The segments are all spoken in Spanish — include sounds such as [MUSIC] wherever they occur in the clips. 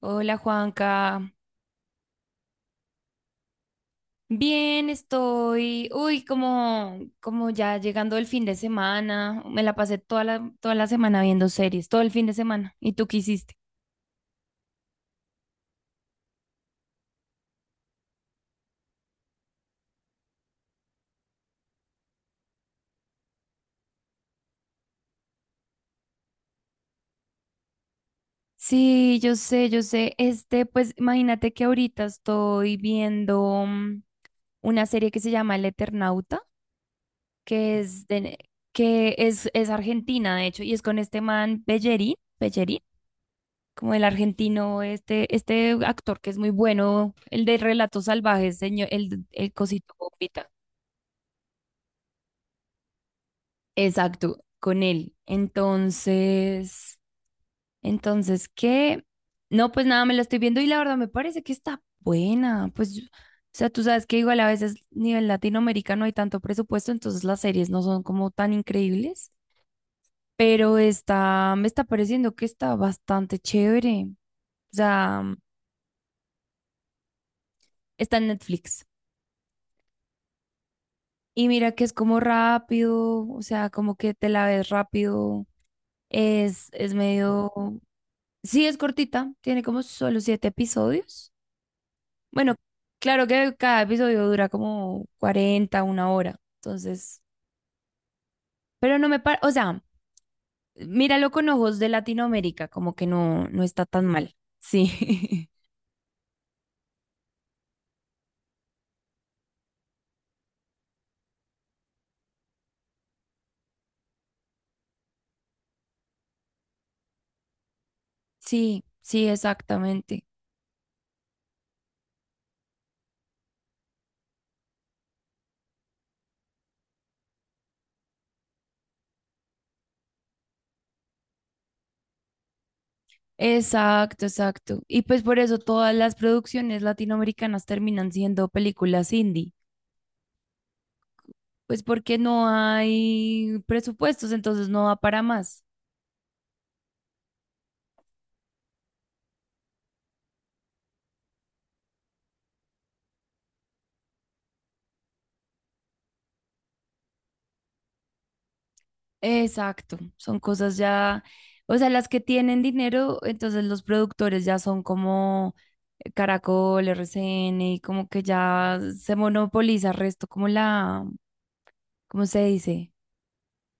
Hola Juanca, bien estoy, uy, como ya llegando el fin de semana, me la pasé toda la semana viendo series, todo el fin de semana. ¿Y tú qué hiciste? Sí, yo sé, este, pues imagínate que ahorita estoy viendo una serie que se llama El Eternauta, que es, de, que es argentina, de hecho, y es con este man Pellerín, como el argentino, este actor que es muy bueno, el de Relatos Salvajes, señor, el cosito Bombita. Exacto, con él. Entonces, ¿qué? No, pues nada, me la estoy viendo y la verdad me parece que está buena. Pues, o sea, tú sabes que igual a veces nivel latinoamericano hay tanto presupuesto, entonces las series no son como tan increíbles, pero está, me está pareciendo que está bastante chévere. O sea, está en Netflix. Y mira que es como rápido, o sea, como que te la ves rápido. Es medio. Sí, es cortita, tiene como solo 7 episodios. Bueno, claro que cada episodio dura como 40 1 hora. Entonces, pero no me parece, o sea, míralo con ojos de Latinoamérica, como que no, no está tan mal. Sí, [LAUGHS] sí, sí, exactamente. Exacto, exacto. Y pues por eso todas las producciones latinoamericanas terminan siendo películas indie. Pues porque no hay presupuestos, entonces no va para más. Exacto, son cosas ya, o sea, las que tienen dinero, entonces los productores ya son como Caracol, RCN, y como que ya se monopoliza el resto, como la, ¿cómo se dice?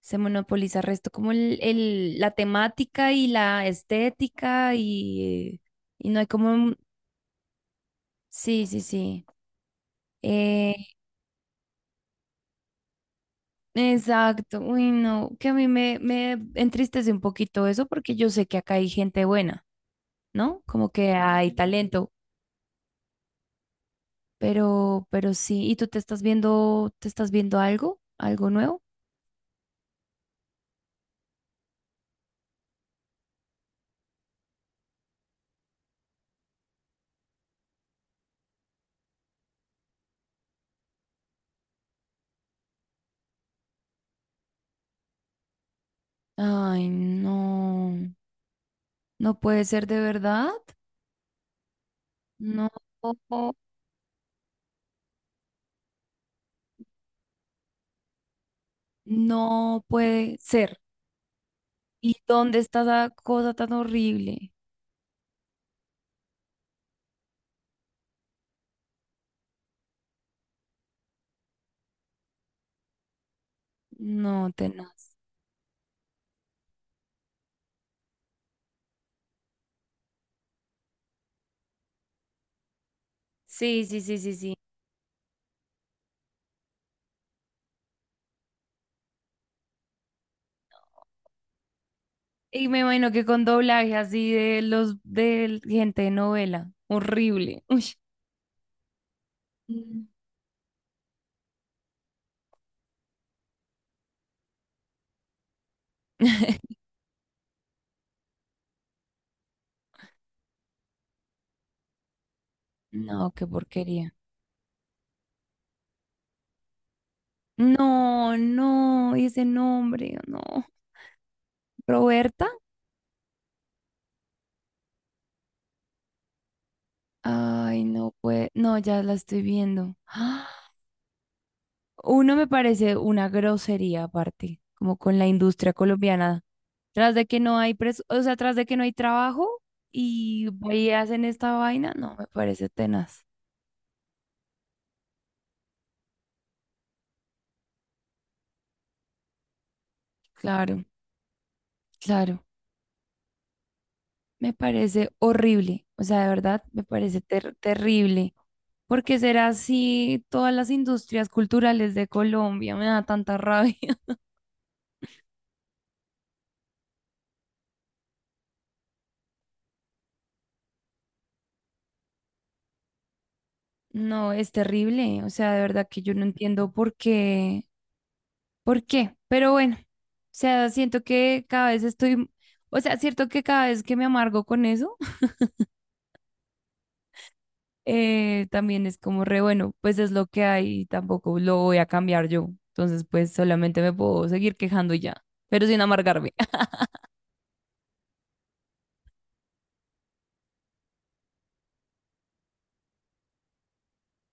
Se monopoliza el resto, como el, la temática y la estética y no hay como, sí, sí, sí. eh, Exacto, uy, no, que a mí me, me entristece un poquito eso porque yo sé que acá hay gente buena, ¿no? Como que hay talento, pero sí, ¿y tú te estás viendo algo nuevo? Ay, no, no puede ser de verdad, no, no puede ser. ¿Y dónde está esa cosa tan horrible? No, tenaz. Sí, sí, sí, sí, sí. Y me imagino que con doblaje así de los de gente de novela. Horrible. Uy. Mm. [LAUGHS] No, qué porquería. No, no, y ese nombre, no. ¿Roberta? Ay, no puede. No, ya la estoy viendo. [GASPS] ¡Ah! Uno me parece una grosería aparte, como con la industria colombiana. Tras de que no hay o sea, tras de que no hay trabajo y ahí hacen esta vaina, no, me parece tenaz. Claro, claro. Me parece horrible, o sea, de verdad me parece terrible, porque será así todas las industrias culturales de Colombia, me da tanta rabia. [LAUGHS] No, es terrible, o sea, de verdad que yo no entiendo por qué, pero bueno, o sea, siento que cada vez estoy, o sea, cierto que cada vez que me amargo con eso, [LAUGHS] también es como re bueno, pues es lo que hay y tampoco lo voy a cambiar yo, entonces pues solamente me puedo seguir quejando y ya, pero sin amargarme.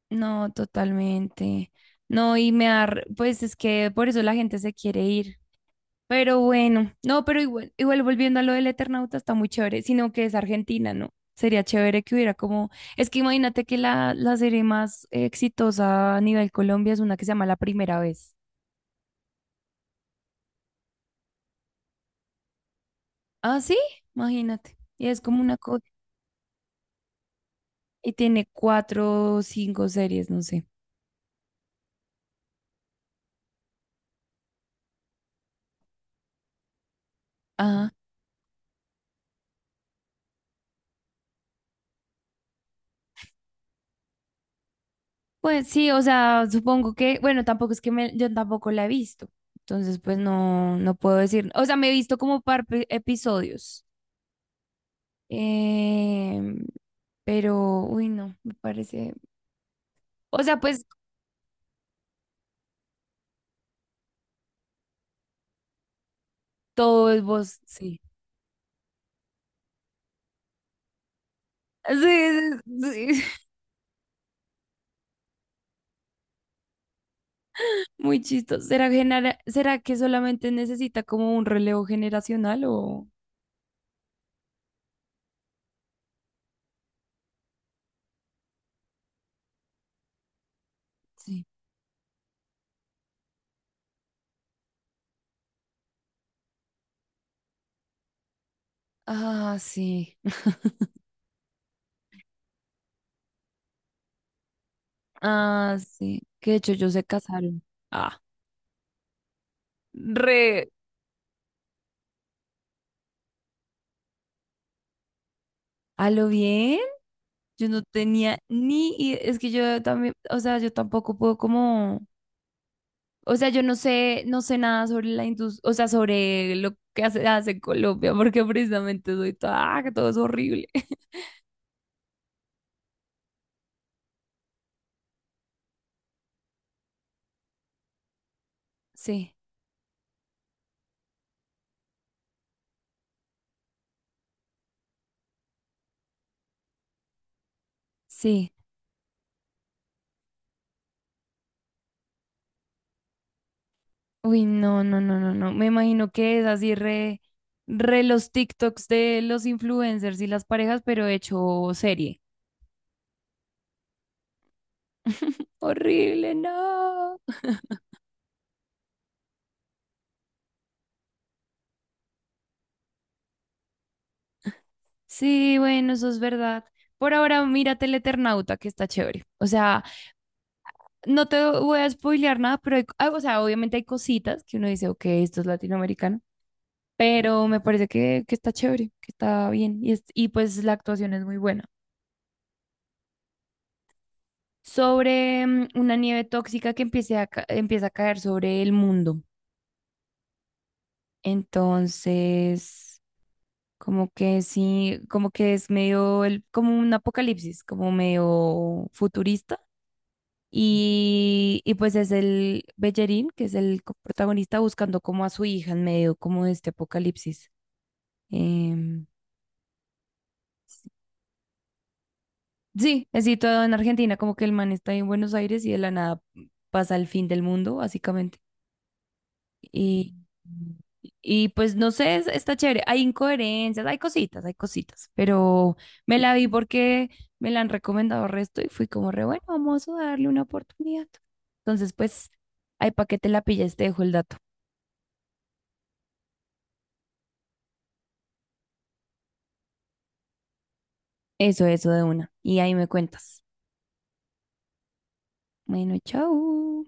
No, totalmente. No, y me da, pues es que por eso la gente se quiere ir. Pero bueno, no, pero igual, igual volviendo a lo del Eternauta está muy chévere, sino que es Argentina, ¿no? Sería chévere que hubiera como, es que imagínate que la serie más exitosa a nivel Colombia es una que se llama La Primera Vez. Ah, sí, imagínate. Y es como una cosa, y tiene 4 o 5 series, no sé. Ajá, pues sí, o sea, supongo que, bueno, tampoco es que me, yo tampoco la he visto, entonces pues no, no puedo decir, o sea, me he visto como par episodios, em, pero, uy, no, me parece, o sea, pues todo es voz, sí. Sí, sí, sí, [LAUGHS] muy chistoso. ¿Será que solamente necesita como un relevo generacional o? Sí. Ah, sí. [LAUGHS] Ah, sí. Que de hecho ellos se casaron. Ah, re. ¿A lo bien? Yo no tenía ni, es que yo también, o sea, yo tampoco puedo como, o sea, yo no sé, nada sobre la industria, o sea, sobre lo que hace en Colombia, porque precisamente soy toda, "Ah, que todo es horrible". [LAUGHS] Sí, sí. Uy, no, no, no, no, no. Me imagino que es así re los TikToks de los influencers y las parejas, pero hecho serie. Horrible, no. Sí, bueno, eso es verdad. Por ahora, mírate el Eternauta, que está chévere. O sea, no te voy a spoilear nada, pero ah, o sea, obviamente hay cositas que uno dice, ok, esto es latinoamericano, pero me parece que está chévere, que está bien y, y pues la actuación es muy buena. Sobre una nieve tóxica que empieza a caer sobre el mundo. Entonces, como que sí, como que es medio, el, como un apocalipsis, como medio futurista. Y pues es el Bellerín, que es el protagonista, buscando como a su hija en medio como de este apocalipsis. Em, sí, es situado en Argentina, como que el man está en Buenos Aires y de la nada pasa el fin del mundo, básicamente. Y, y pues no sé, está chévere. Hay incoherencias, hay cositas, pero me la vi porque me la han recomendado resto y fui como re bueno, vamos a darle una oportunidad. Entonces, pues, ahí para que te la pilles, te dejo el dato. Eso de una. Y ahí me cuentas. Bueno, chao.